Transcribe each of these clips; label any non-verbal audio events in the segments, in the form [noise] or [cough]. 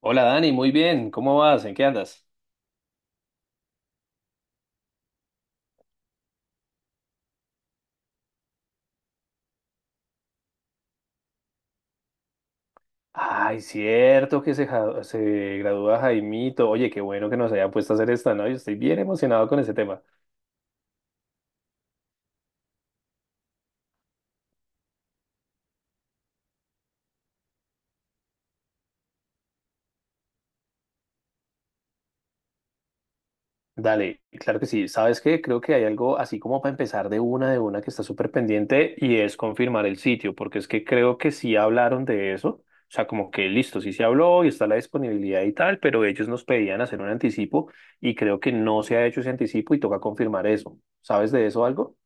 Hola Dani, muy bien, ¿cómo vas? ¿En qué andas? Ay, cierto que se, ja- se gradúa Jaimito. Oye, qué bueno que nos haya puesto a hacer esta, ¿no? Yo estoy bien emocionado con ese tema. Dale, claro que sí. ¿Sabes qué? Creo que hay algo así como para empezar de una que está súper pendiente y es confirmar el sitio, porque es que creo que sí hablaron de eso. O sea, como que listo, sí se habló y está la disponibilidad y tal, pero ellos nos pedían hacer un anticipo y creo que no se ha hecho ese anticipo y toca confirmar eso. ¿Sabes de eso algo?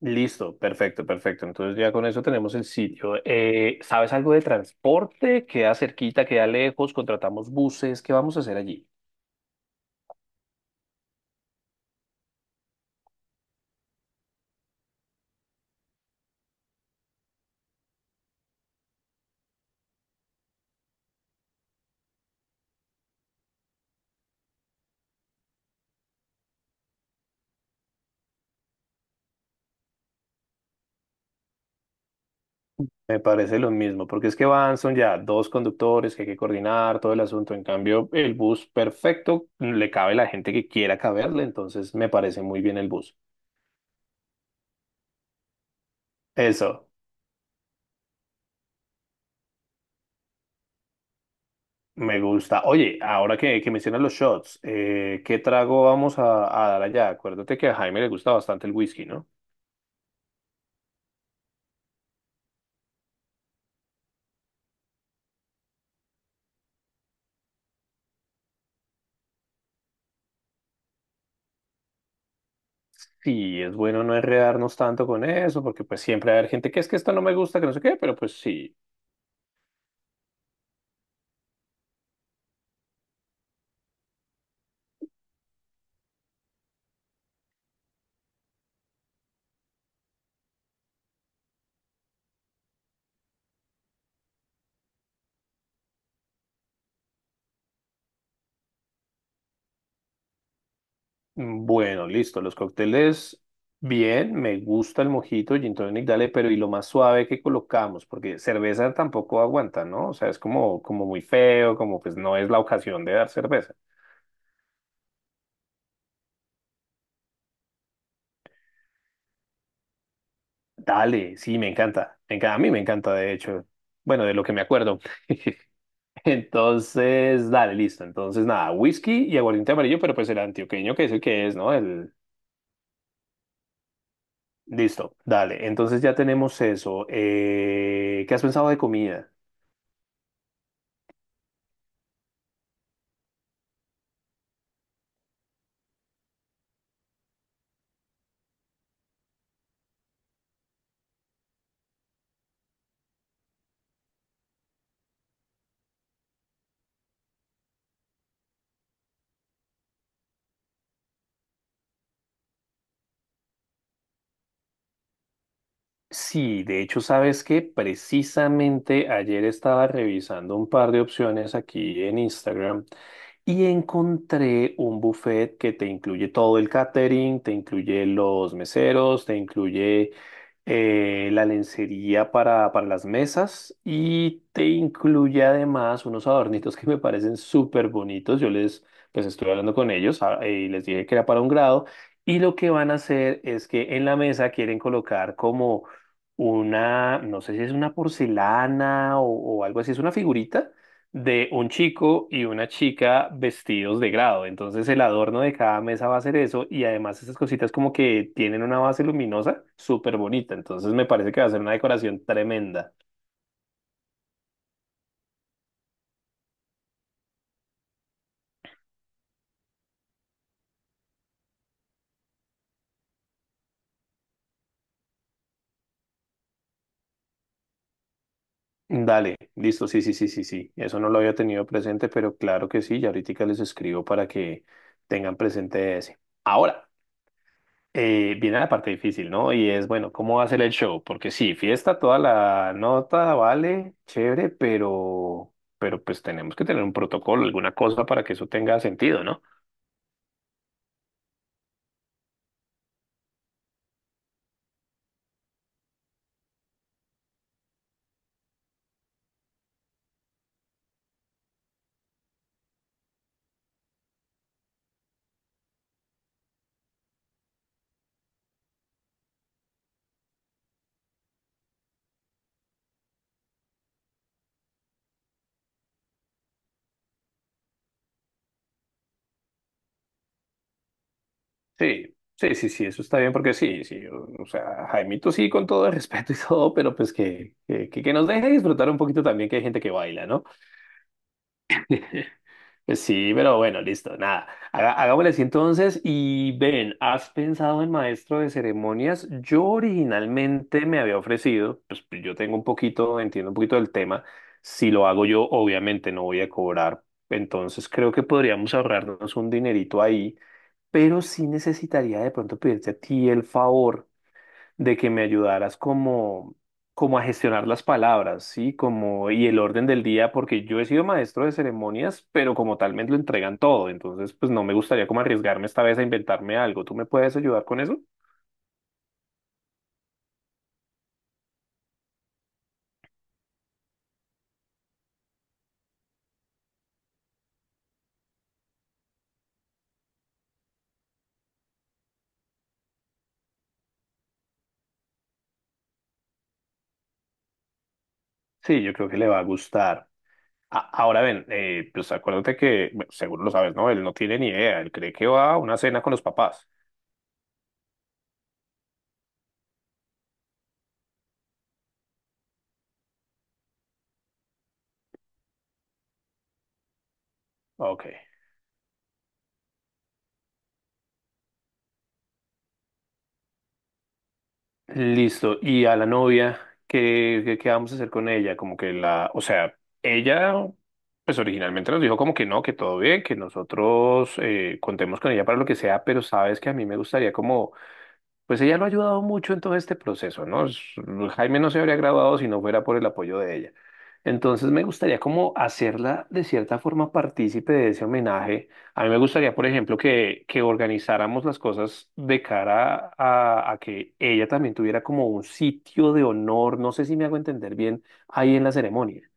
Listo, perfecto, perfecto. Entonces ya con eso tenemos el sitio. ¿Sabes algo de transporte? ¿Queda cerquita, queda lejos? ¿Contratamos buses? ¿Qué vamos a hacer allí? Me parece lo mismo, porque es que van, son ya dos conductores que hay que coordinar todo el asunto. En cambio, el bus perfecto le cabe la gente que quiera caberle, entonces me parece muy bien el bus. Eso, me gusta. Oye, ahora que mencionas los shots, ¿qué trago vamos a dar allá? Acuérdate que a Jaime le gusta bastante el whisky, ¿no? Sí, es bueno no enredarnos tanto con eso, porque pues siempre va a haber gente que es que esto no me gusta, que no sé qué, pero pues sí. Bueno, listo. Los cócteles, bien, me gusta el mojito, gin tonic, dale, pero y lo más suave que colocamos, porque cerveza tampoco aguanta, ¿no? O sea, es como, como muy feo, como pues no es la ocasión de dar cerveza. Dale, sí, me encanta. Me encanta, a mí me encanta, de hecho. Bueno, de lo que me acuerdo. [laughs] Entonces, dale, listo. Entonces, nada, whisky y aguardiente amarillo, pero pues el antioqueño, que es el que es, ¿no? El... Listo, dale. Entonces ya tenemos eso. ¿Qué has pensado de comida? Sí, de hecho, sabes que precisamente ayer estaba revisando un par de opciones aquí en Instagram y encontré un buffet que te incluye todo el catering, te incluye los meseros, te incluye la lencería para las mesas y te incluye además unos adornitos que me parecen súper bonitos. Yo les, pues estuve hablando con ellos ah, y les dije que era para un grado y lo que van a hacer es que en la mesa quieren colocar como una, no sé si es una porcelana o algo así, es una figurita de un chico y una chica vestidos de grado. Entonces el adorno de cada mesa va a ser eso y además esas cositas como que tienen una base luminosa súper bonita. Entonces me parece que va a ser una decoración tremenda. Dale, listo, sí, sí, sí, sí, sí. Eso no lo había tenido presente, pero claro que sí, ya ahorita les escribo para que tengan presente ese. Ahora. Viene la parte difícil, ¿no? Y es, bueno, ¿cómo va a ser el show? Porque sí, fiesta toda la nota, vale, chévere, pero pues tenemos que tener un protocolo, alguna cosa para que eso tenga sentido, ¿no? Sí, sí, sí, sí, eso está bien, porque sí, sí, o sea, Jaimito sí, con todo el respeto y todo, pero pues que nos deje disfrutar un poquito también que hay gente que baila, ¿no? Pues sí, pero bueno, listo, nada. Hagámosle así entonces. Y ven, ¿has pensado en maestro de ceremonias? Yo originalmente me había ofrecido, pues yo tengo un poquito, entiendo un poquito del tema. Si lo hago yo, obviamente no voy a cobrar. Entonces creo que podríamos ahorrarnos un dinerito ahí, pero sí necesitaría de pronto pedirte a ti el favor de que me ayudaras como a gestionar las palabras, ¿sí? Como, y el orden del día, porque yo he sido maestro de ceremonias, pero como tal me lo entregan todo, entonces pues no me gustaría como arriesgarme esta vez a inventarme algo. ¿Tú me puedes ayudar con eso? Sí, yo creo que le va a gustar. Ahora ven, pues acuérdate que, bueno, seguro lo sabes, ¿no? Él no tiene ni idea, él cree que va a una cena con los papás. Ok. Listo. ¿Y a la novia? ¿Qué vamos a hacer con ella? Como que la, o sea, ella, pues originalmente nos dijo como que no, que todo bien, que nosotros contemos con ella para lo que sea, pero sabes que a mí me gustaría como pues ella lo ha ayudado mucho en todo este proceso, ¿no? Es- Jaime no se habría graduado si no fuera por el apoyo de ella. Entonces me gustaría como hacerla de cierta forma partícipe de ese homenaje. A mí me gustaría, por ejemplo, que organizáramos las cosas de cara a que ella también tuviera como un sitio de honor, no sé si me hago entender bien, ahí en la ceremonia.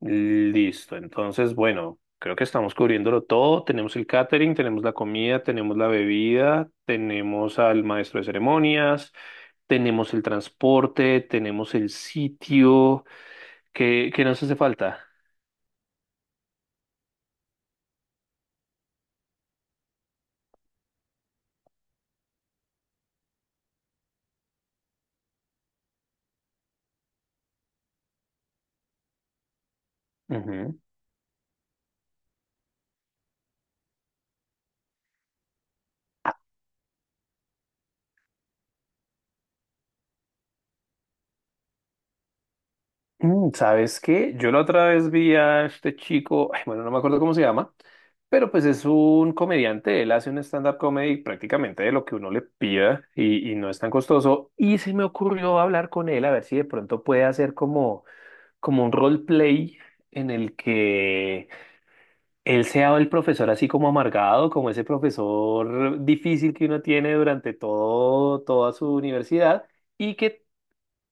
Listo, entonces, bueno, creo que estamos cubriéndolo todo. Tenemos el catering, tenemos la comida, tenemos la bebida, tenemos al maestro de ceremonias, tenemos el transporte, tenemos el sitio. ¿Qué nos hace falta? Ujú. ¿Sabes qué? Yo la otra vez vi a este chico, ay, bueno, no me acuerdo cómo se llama, pero pues es un comediante, él hace un stand-up comedy prácticamente de lo que uno le pida y no es tan costoso. Y se me ocurrió hablar con él a ver si de pronto puede hacer como un roleplay en el que él sea el profesor así como amargado, como ese profesor difícil que uno tiene durante todo, toda su universidad y que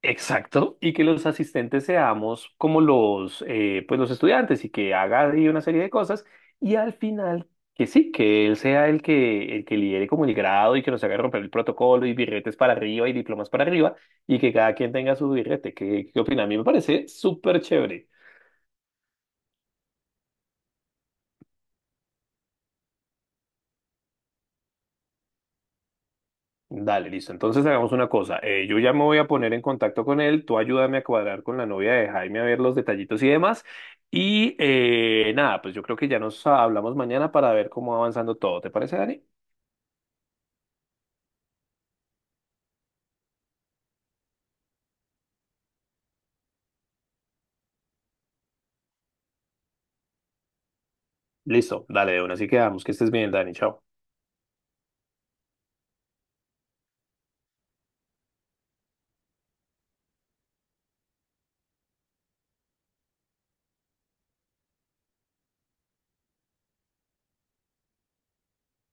exacto, y que los asistentes seamos como los, pues los estudiantes y que haga ahí una serie de cosas y al final que sí, que él sea el que lidere como el grado y que nos haga romper el protocolo y birretes para arriba y diplomas para arriba y que cada quien tenga su birrete. ¿Qué opina? A mí me parece súper chévere. Dale, listo. Entonces hagamos una cosa. Yo ya me voy a poner en contacto con él. Tú ayúdame a cuadrar con la novia de Jaime a ver los detallitos y demás. Y nada, pues yo creo que ya nos hablamos mañana para ver cómo va avanzando todo. ¿Te parece, Dani? Listo, dale de una. Así quedamos. Que estés bien, Dani. Chao.